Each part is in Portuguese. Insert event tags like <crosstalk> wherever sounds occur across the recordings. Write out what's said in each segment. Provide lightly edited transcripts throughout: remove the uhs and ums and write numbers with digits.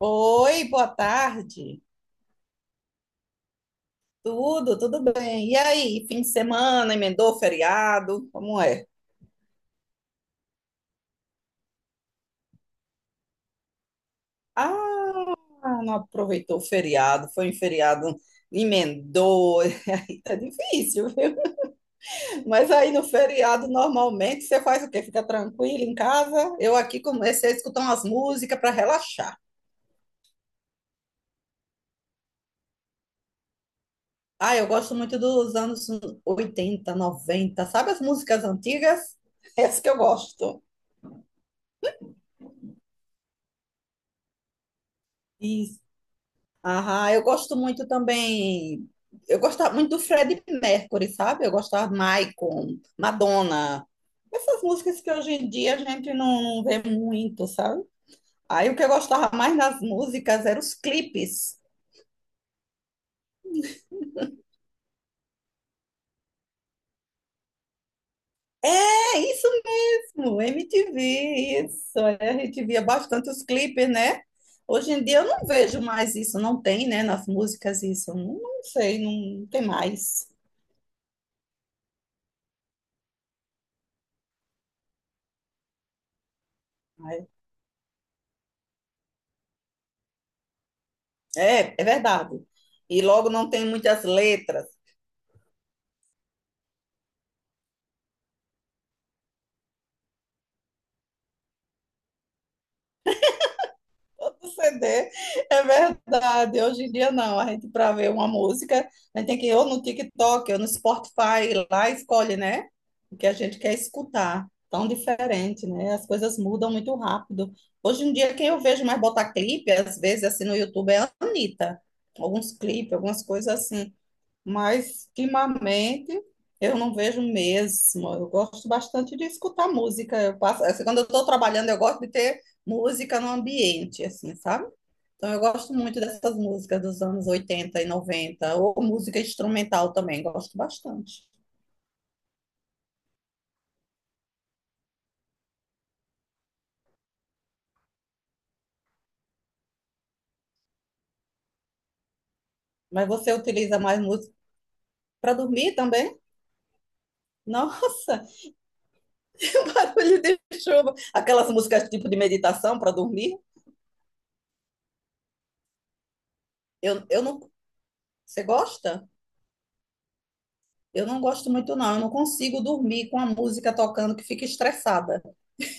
Oi, boa tarde. Tudo bem. E aí, fim de semana, emendou o feriado? Como é? Ah, não aproveitou o feriado, foi em feriado, emendou. <laughs> Aí tá difícil, viu? Mas aí no feriado, normalmente, você faz o quê? Fica tranquilo em casa? Eu aqui comecei a escutar umas músicas para relaxar. Ah, eu gosto muito dos anos 80, 90. Sabe as músicas antigas? <laughs> Essas que eu gosto. Ah, eu gosto muito também. Eu gostava muito do Freddie Mercury, sabe? Eu gostava de Michael, Madonna. Essas músicas que hoje em dia a gente não vê muito, sabe? Aí o que eu gostava mais nas músicas eram os clipes. É isso mesmo, MTV, isso. é, A gente via bastante os clipes, né? Hoje em dia eu não vejo mais isso, não tem, né? Nas músicas isso. Não sei, não tem mais. É, é verdade. E logo não tem muitas letras. Todo CD, é verdade. Hoje em dia não, a gente para ver uma música, a gente tem que ir ou no TikTok, ou no Spotify, lá escolhe, né? O que a gente quer escutar. Tão diferente, né? As coisas mudam muito rápido. Hoje em dia, quem eu vejo mais botar clipe, às vezes, assim, no YouTube, é a Anitta. Alguns clipes, algumas coisas assim. Mas, ultimamente, eu não vejo mesmo. Eu gosto bastante de escutar música. Eu passo, assim, quando eu estou trabalhando, eu gosto de ter música no ambiente, assim, sabe? Então, eu gosto muito dessas músicas dos anos 80 e noventa, ou música instrumental também, gosto bastante. Mas você utiliza mais música para dormir também? Nossa, <laughs> que barulho de chuva! Aquelas músicas tipo de meditação para dormir? Eu não. Você gosta? Eu não gosto muito, não. Eu não consigo dormir com a música tocando, que fica estressada.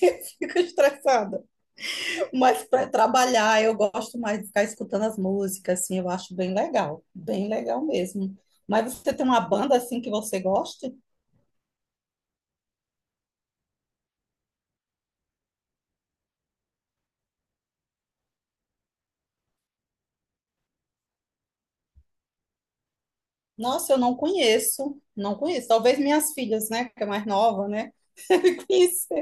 <laughs> Fica estressada. Mas para trabalhar, eu gosto mais de ficar escutando as músicas, assim, eu acho bem legal. Bem legal mesmo. Mas você tem uma banda assim que você goste? Nossa, eu não conheço. Não conheço. Talvez minhas filhas, né? Que é mais nova, né? <laughs> Conheça.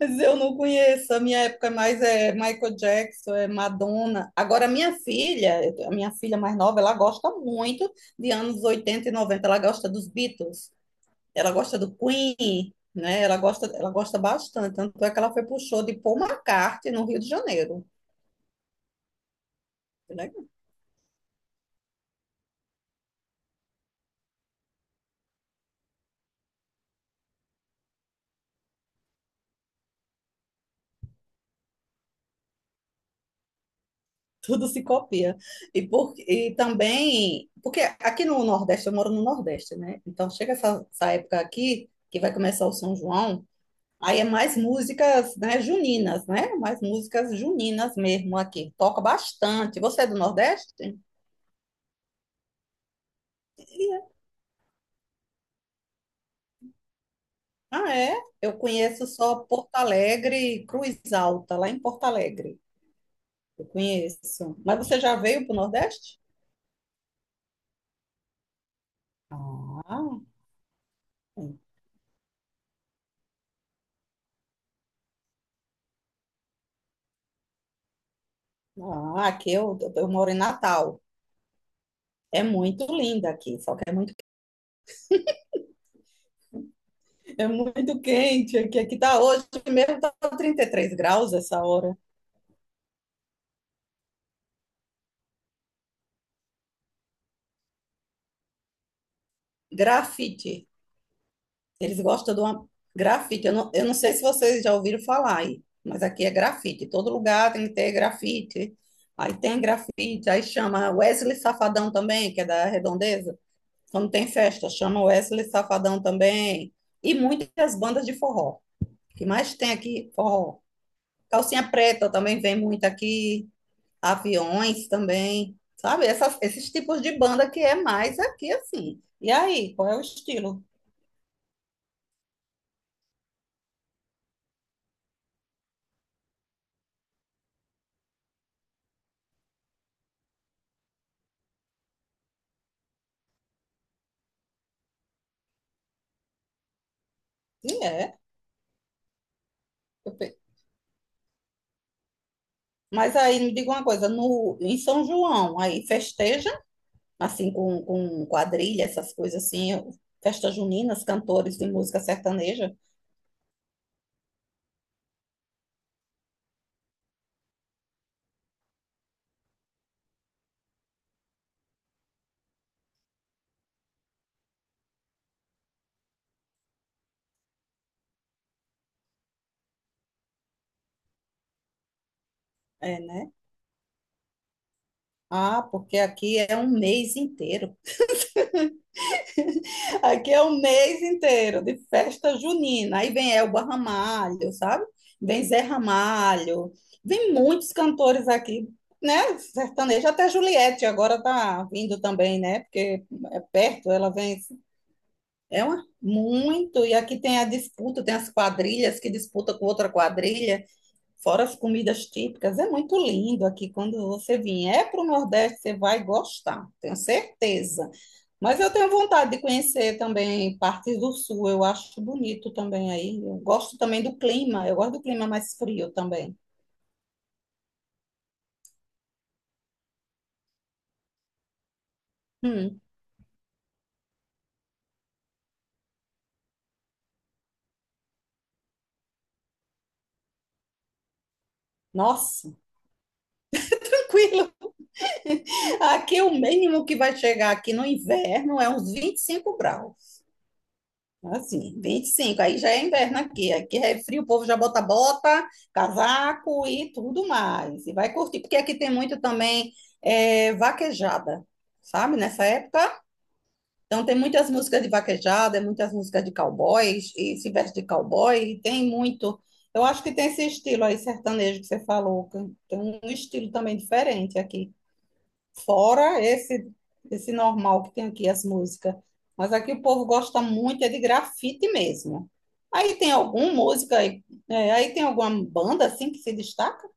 Mas eu não conheço. A minha época é mais é Michael Jackson, é Madonna. Agora, a minha filha mais nova, ela gosta muito de anos 80 e noventa. Ela gosta dos Beatles, ela gosta do Queen, né? Ela gosta bastante. Tanto é que ela foi pro show de Paul McCartney no Rio de Janeiro, né? <laughs> Tudo se copia. E também, porque aqui no Nordeste, eu moro no Nordeste, né? Então chega essa época aqui, que vai começar o São João. Aí é mais músicas, né, juninas, né? Mais músicas juninas mesmo aqui. Toca bastante. Você é do Nordeste? E- Ah, é? Eu conheço só Porto Alegre e Cruz Alta, lá em Porto Alegre. Eu conheço. Mas você já veio para o Nordeste? Ah, ah, aqui eu moro em Natal. É muito linda aqui, só que é muito quente aqui. Aqui tá hoje mesmo, tá 33 graus essa hora. Grafite. Eles gostam de uma grafite. Eu não sei se vocês já ouviram falar aí, mas aqui é grafite. Todo lugar tem que ter grafite. Aí tem grafite, aí chama Wesley Safadão também, que é da Redondeza. Quando tem festa, chama Wesley Safadão também. E muitas bandas de forró. O que mais tem aqui? Forró. Calcinha Preta também vem muito aqui. Aviões também. Sabe? Essas- esses tipos de banda que é mais aqui assim. E aí, qual é o estilo? E é. Mas aí me diga uma coisa, no, em São João, aí festeja, assim, com quadrilha, essas coisas assim, festas juninas, cantores de música sertaneja, é, né? Ah, porque aqui é um mês inteiro. <laughs> Aqui é um mês inteiro de festa junina. Aí vem Elba Ramalho, sabe? Vem Zé Ramalho, vem muitos cantores aqui, né? Sertanejo, até Juliette agora tá vindo também, né? Porque é perto, ela vem. É uma, muito. E aqui tem a disputa, tem as quadrilhas que disputam com outra quadrilha, fora as comidas típicas. É muito lindo aqui. Quando você vier para o Nordeste, você vai gostar, tenho certeza. Mas eu tenho vontade de conhecer também partes do Sul. Eu acho bonito também aí. Eu gosto também do clima. Eu gosto do clima mais frio também. Hum, nossa, <laughs> tranquilo. Aqui o mínimo que vai chegar aqui no inverno é uns 25 graus. Assim, 25 aí já é inverno aqui. Aqui é frio, o povo já bota casaco e tudo mais. E vai curtir, porque aqui tem muito também é, vaquejada, sabe? Nessa época. Então tem muitas músicas de vaquejada, muitas músicas de cowboys, e se veste de cowboy, e tem muito. Eu acho que tem esse estilo aí, sertanejo que você falou. Que Tem um estilo também diferente aqui. Fora esse normal que tem aqui as músicas. Mas aqui o povo gosta muito, é de grafite mesmo. Aí tem alguma música, aí é, aí tem alguma banda assim que se destaca?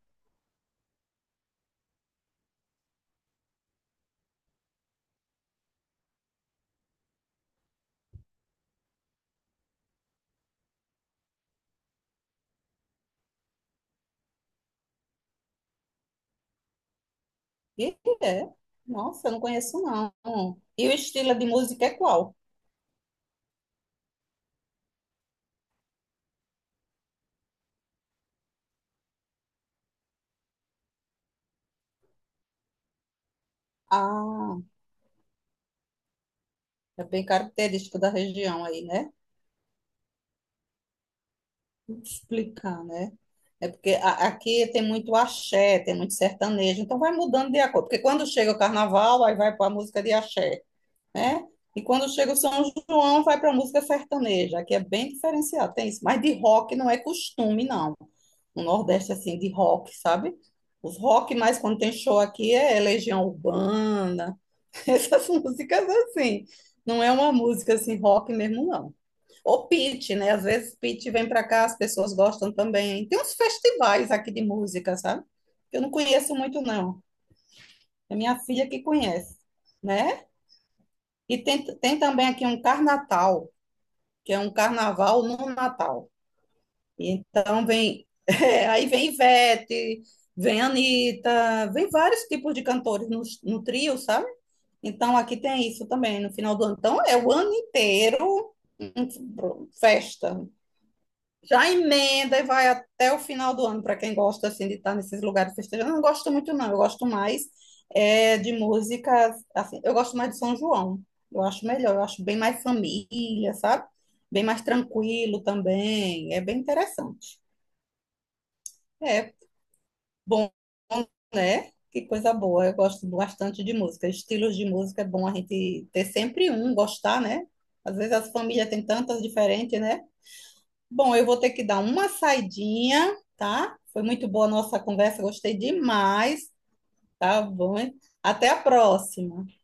E é. Nossa, eu não conheço não. E o estilo de música é qual? Ah, é bem característico da região aí, né? Vou explicar, né? É porque a- aqui tem muito axé, tem muito sertanejo, então vai mudando de acordo. Porque quando chega o carnaval, aí vai para a música de axé, né? E quando chega o São João, vai para música sertaneja, que é bem diferenciado, tem isso. Mas de rock não é costume, não. No Nordeste, assim, de rock, sabe? Os rock, mais quando tem show aqui, é Legião Urbana, <laughs> essas músicas assim. Não é uma música assim, rock mesmo, não. Ou Pit, né? Às vezes Pit vem para cá, as pessoas gostam também. Tem uns festivais aqui de música, sabe? Eu não conheço muito, não. É minha filha que conhece, né? E tem também aqui um Carnatal, que é um carnaval no Natal. Então vem, <laughs> eh, aí vem Ivete, vem Anitta, vem vários tipos de cantores no trio, sabe? Então aqui tem isso também no final do ano. Então é o ano inteiro um- festa, já emenda e vai até o final do ano, para quem gosta assim de estar nesses lugares festejando. Eu não gosto muito, não. Eu gosto mais é, de músicas, assim, eu gosto mais de São João. Eu acho melhor, eu acho bem mais família, sabe? Bem mais tranquilo também. É bem interessante. É bom, né? Que coisa boa. Eu gosto bastante de música. Estilos de música é bom a gente ter sempre um, gostar, né? Às vezes as famílias têm tantas diferentes, né? Bom, eu vou ter que dar uma saidinha, tá? Foi muito boa a nossa conversa, gostei demais, tá bom? Até a próxima.